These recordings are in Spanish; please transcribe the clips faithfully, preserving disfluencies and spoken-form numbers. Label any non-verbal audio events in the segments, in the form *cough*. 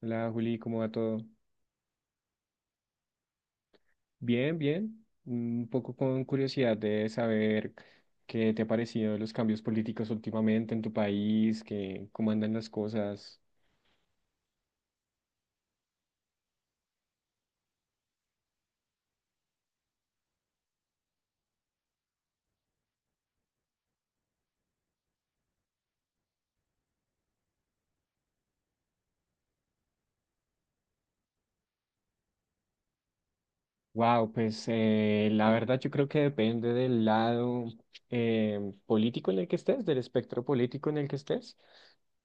Hola Juli, ¿cómo va todo? Bien, bien. Un poco con curiosidad de saber qué te ha parecido los cambios políticos últimamente en tu país, que, cómo andan las cosas. Wow, pues eh, la verdad yo creo que depende del lado eh, político en el que estés, del espectro político en el que estés.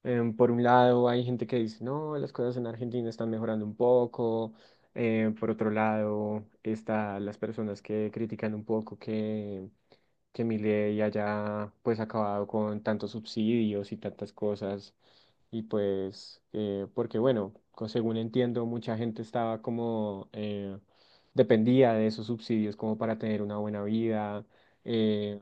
Em, por un lado, hay gente que dice, no, las cosas en Argentina están mejorando un poco. Eh, por otro lado, están las personas que critican un poco que que Milei haya pues acabado con tantos subsidios y tantas cosas y pues eh, porque bueno, co- según entiendo mucha gente estaba como eh, dependía de esos subsidios como para tener una buena vida. eh,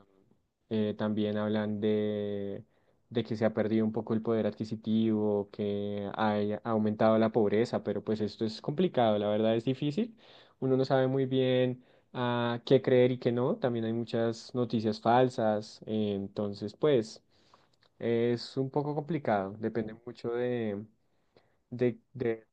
eh, también hablan de, de que se ha perdido un poco el poder adquisitivo, que hay- ha aumentado la pobreza, pero pues esto es complicado, la verdad es difícil. Uno no sabe muy bien a qué creer y qué no. También hay muchas noticias falsas. Eh, entonces, pues, es un poco complicado. Depende mucho de, de, de-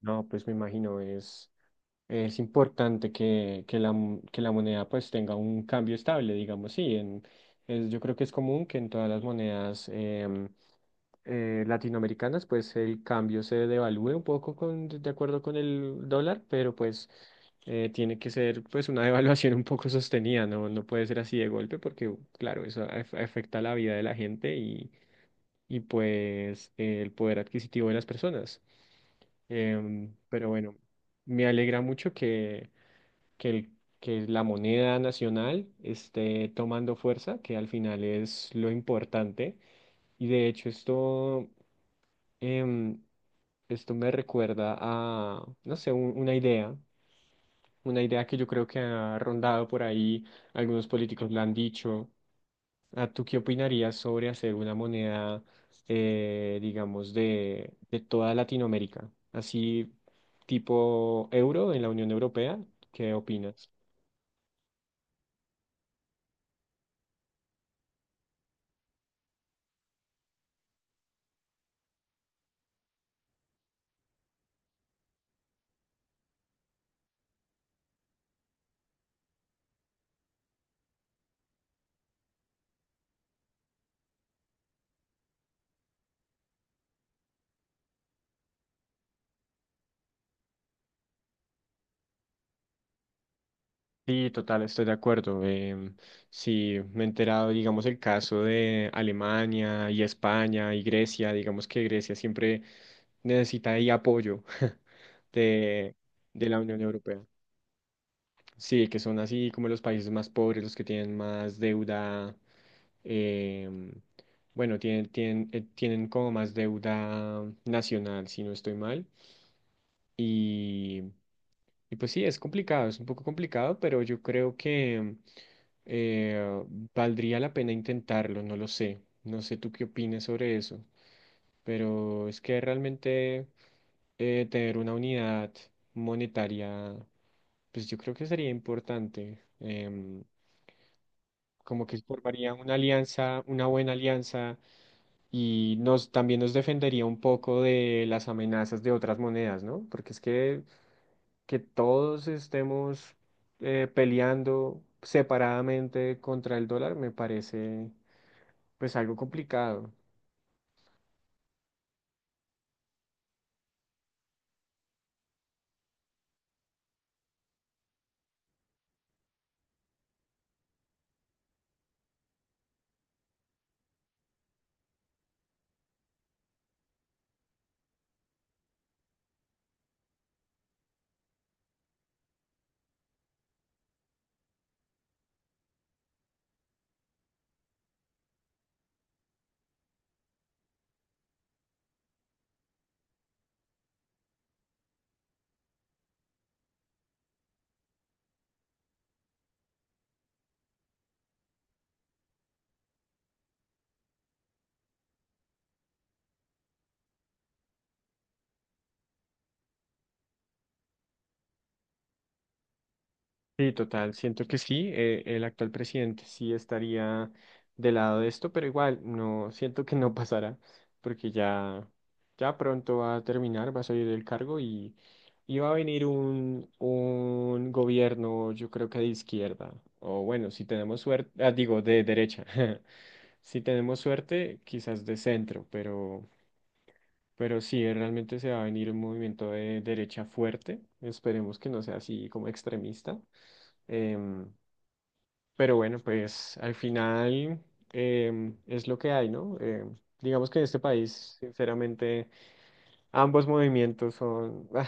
No, pues me imagino, es, es importante que, que la, mo- que la moneda pues tenga un cambio estable, digamos, sí. En, es- yo creo que es común que en todas las monedas em, eh, latinoamericanas, pues el cambio se devalúe un poco con, de acuerdo con el dólar, pero pues eh, tiene que ser pues una *laughs* devaluación un poco sostenida, no, no puede ser así de golpe porque claro, eso af- afecta la vida de la gente y, y pues eh, el poder adquisitivo de las personas. Em, pero bueno, me alegra mucho que, que, el- que la moneda nacional esté tomando fuerza, que al final es lo importante. Y de hecho esto em, esto me recuerda a, no sé, un- una idea, una idea que yo creo que ha rondado por ahí, algunos políticos la han dicho. ¿A tú qué opinarías sobre hacer una moneda, eh, digamos, de, de toda Latinoamérica? Así tipo euro en la Unión Europea, ¿qué opinas? Sí, total, estoy de acuerdo. Em, sí, me he enterado, digamos, el caso de Alemania y España y Grecia, digamos que Grecia siempre necesita ahí apoyo *laughs* de, de la Unión Europea. Sí, que son así como los países más pobres, los que tienen más deuda, em, bueno, tienen, tienen, eh, tienen como más deuda nacional, si no estoy mal. Y, y pues sí, es complicado, es un poco complicado, pero yo creo que eh, valdría la pena intentarlo, no lo sé. No sé tú qué opinas sobre eso, pero es que realmente eh, tener una unidad monetaria, pues yo creo que sería importante. Em, como que formaría una alianza, una buena alianza y nos también nos defendería un poco de las amenazas de otras monedas, ¿no? Porque es que que todos estemos eh, peleando separadamente contra el dólar me parece pues algo complicado. Sí, total, siento que sí, eh, el actual presidente sí estaría del lado de esto, pero igual no siento que no *laughs* pasará porque ya ya pronto va a terminar, va a salir del cargo y y va a venir un, un gobierno, yo creo que de izquierda, o bueno, si tenemos suerte, ah, digo, de derecha. *laughs* Si tenemos suerte, quizás de centro, pero, pero sí, eh, realmente se va a venir un movimiento de derecha fuerte. Esperemos que no sea así como extremista. Em, pero bueno, pues al final em, es lo que hay, ¿no? Em, digamos que en este país, sinceramente, ambos movimientos son ah,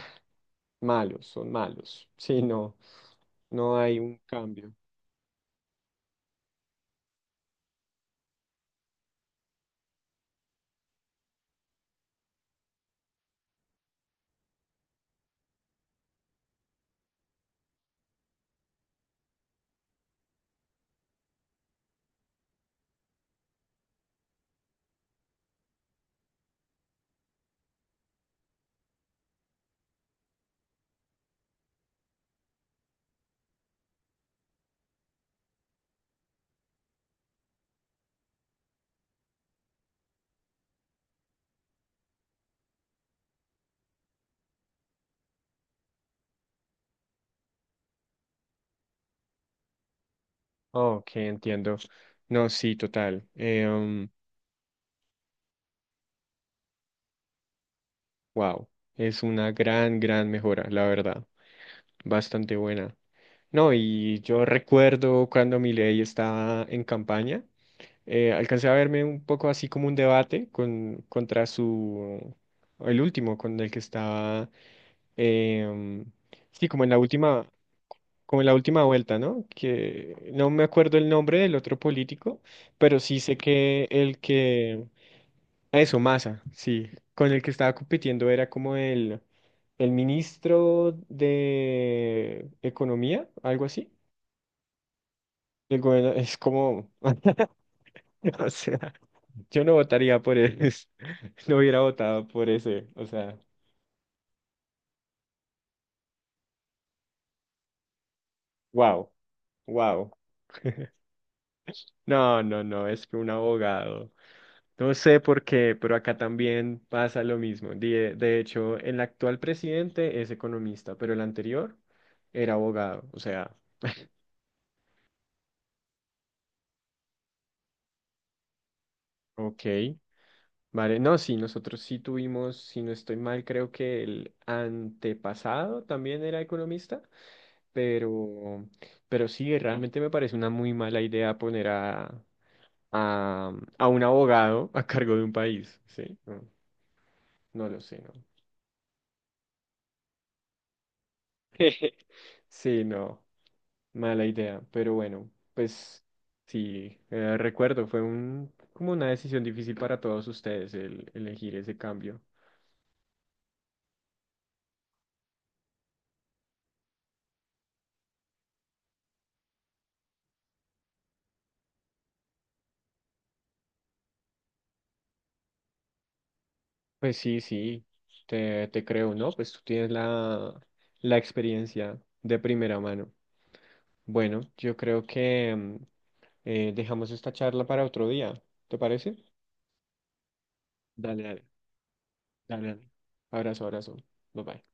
malos, son malos. *laughs* Sí, no, no hay un cambio. Ok, entiendo. No, sí, total. Em, Wow, es una gran, gran mejora, la verdad. Bastante buena. No, y yo recuerdo cuando mi ley estaba en campaña, eh, alcancé a verme un poco así como un debate con, contra su, el último, con el que estaba, em, sí, como en la última, como en la última vuelta, ¿no? Que no me acuerdo el nombre del otro político, pero sí sé que el que eso, Massa, sí. Con el que estaba compitiendo era como el, el ministro de Economía, algo así. El gobierno es como, *laughs* o sea, yo no votaría por él, *laughs* no hubiera votado por ese, o sea, wow, wow. No, no, no, es que un abogado. No sé por qué, pero acá también pasa lo mismo. De, de hecho, el actual presidente es economista, pero el anterior era abogado. O sea, ok. Vale, no, sí, nosotros sí tuvimos, si no estoy mal, creo que el antepasado también era economista, pero, pero sí, realmente me parece una muy mala idea poner a, a, um, a un abogado a cargo de un país, ¿sí? No, no lo sé, ¿no? *laughs* Sí, no, mala idea, pero bueno, pues sí, eh, recuerdo, fue un, como una decisión difícil para todos ustedes el elegir ese cambio. Pues sí, sí, te, te creo, ¿no? Pues tú tienes la, la experiencia de primera mano. Bueno, yo creo que mm, eh, dejamos esta charla para otro día, ¿te parece? Dale, dale, dale, dale. Abrazo, abrazo. Bye bye.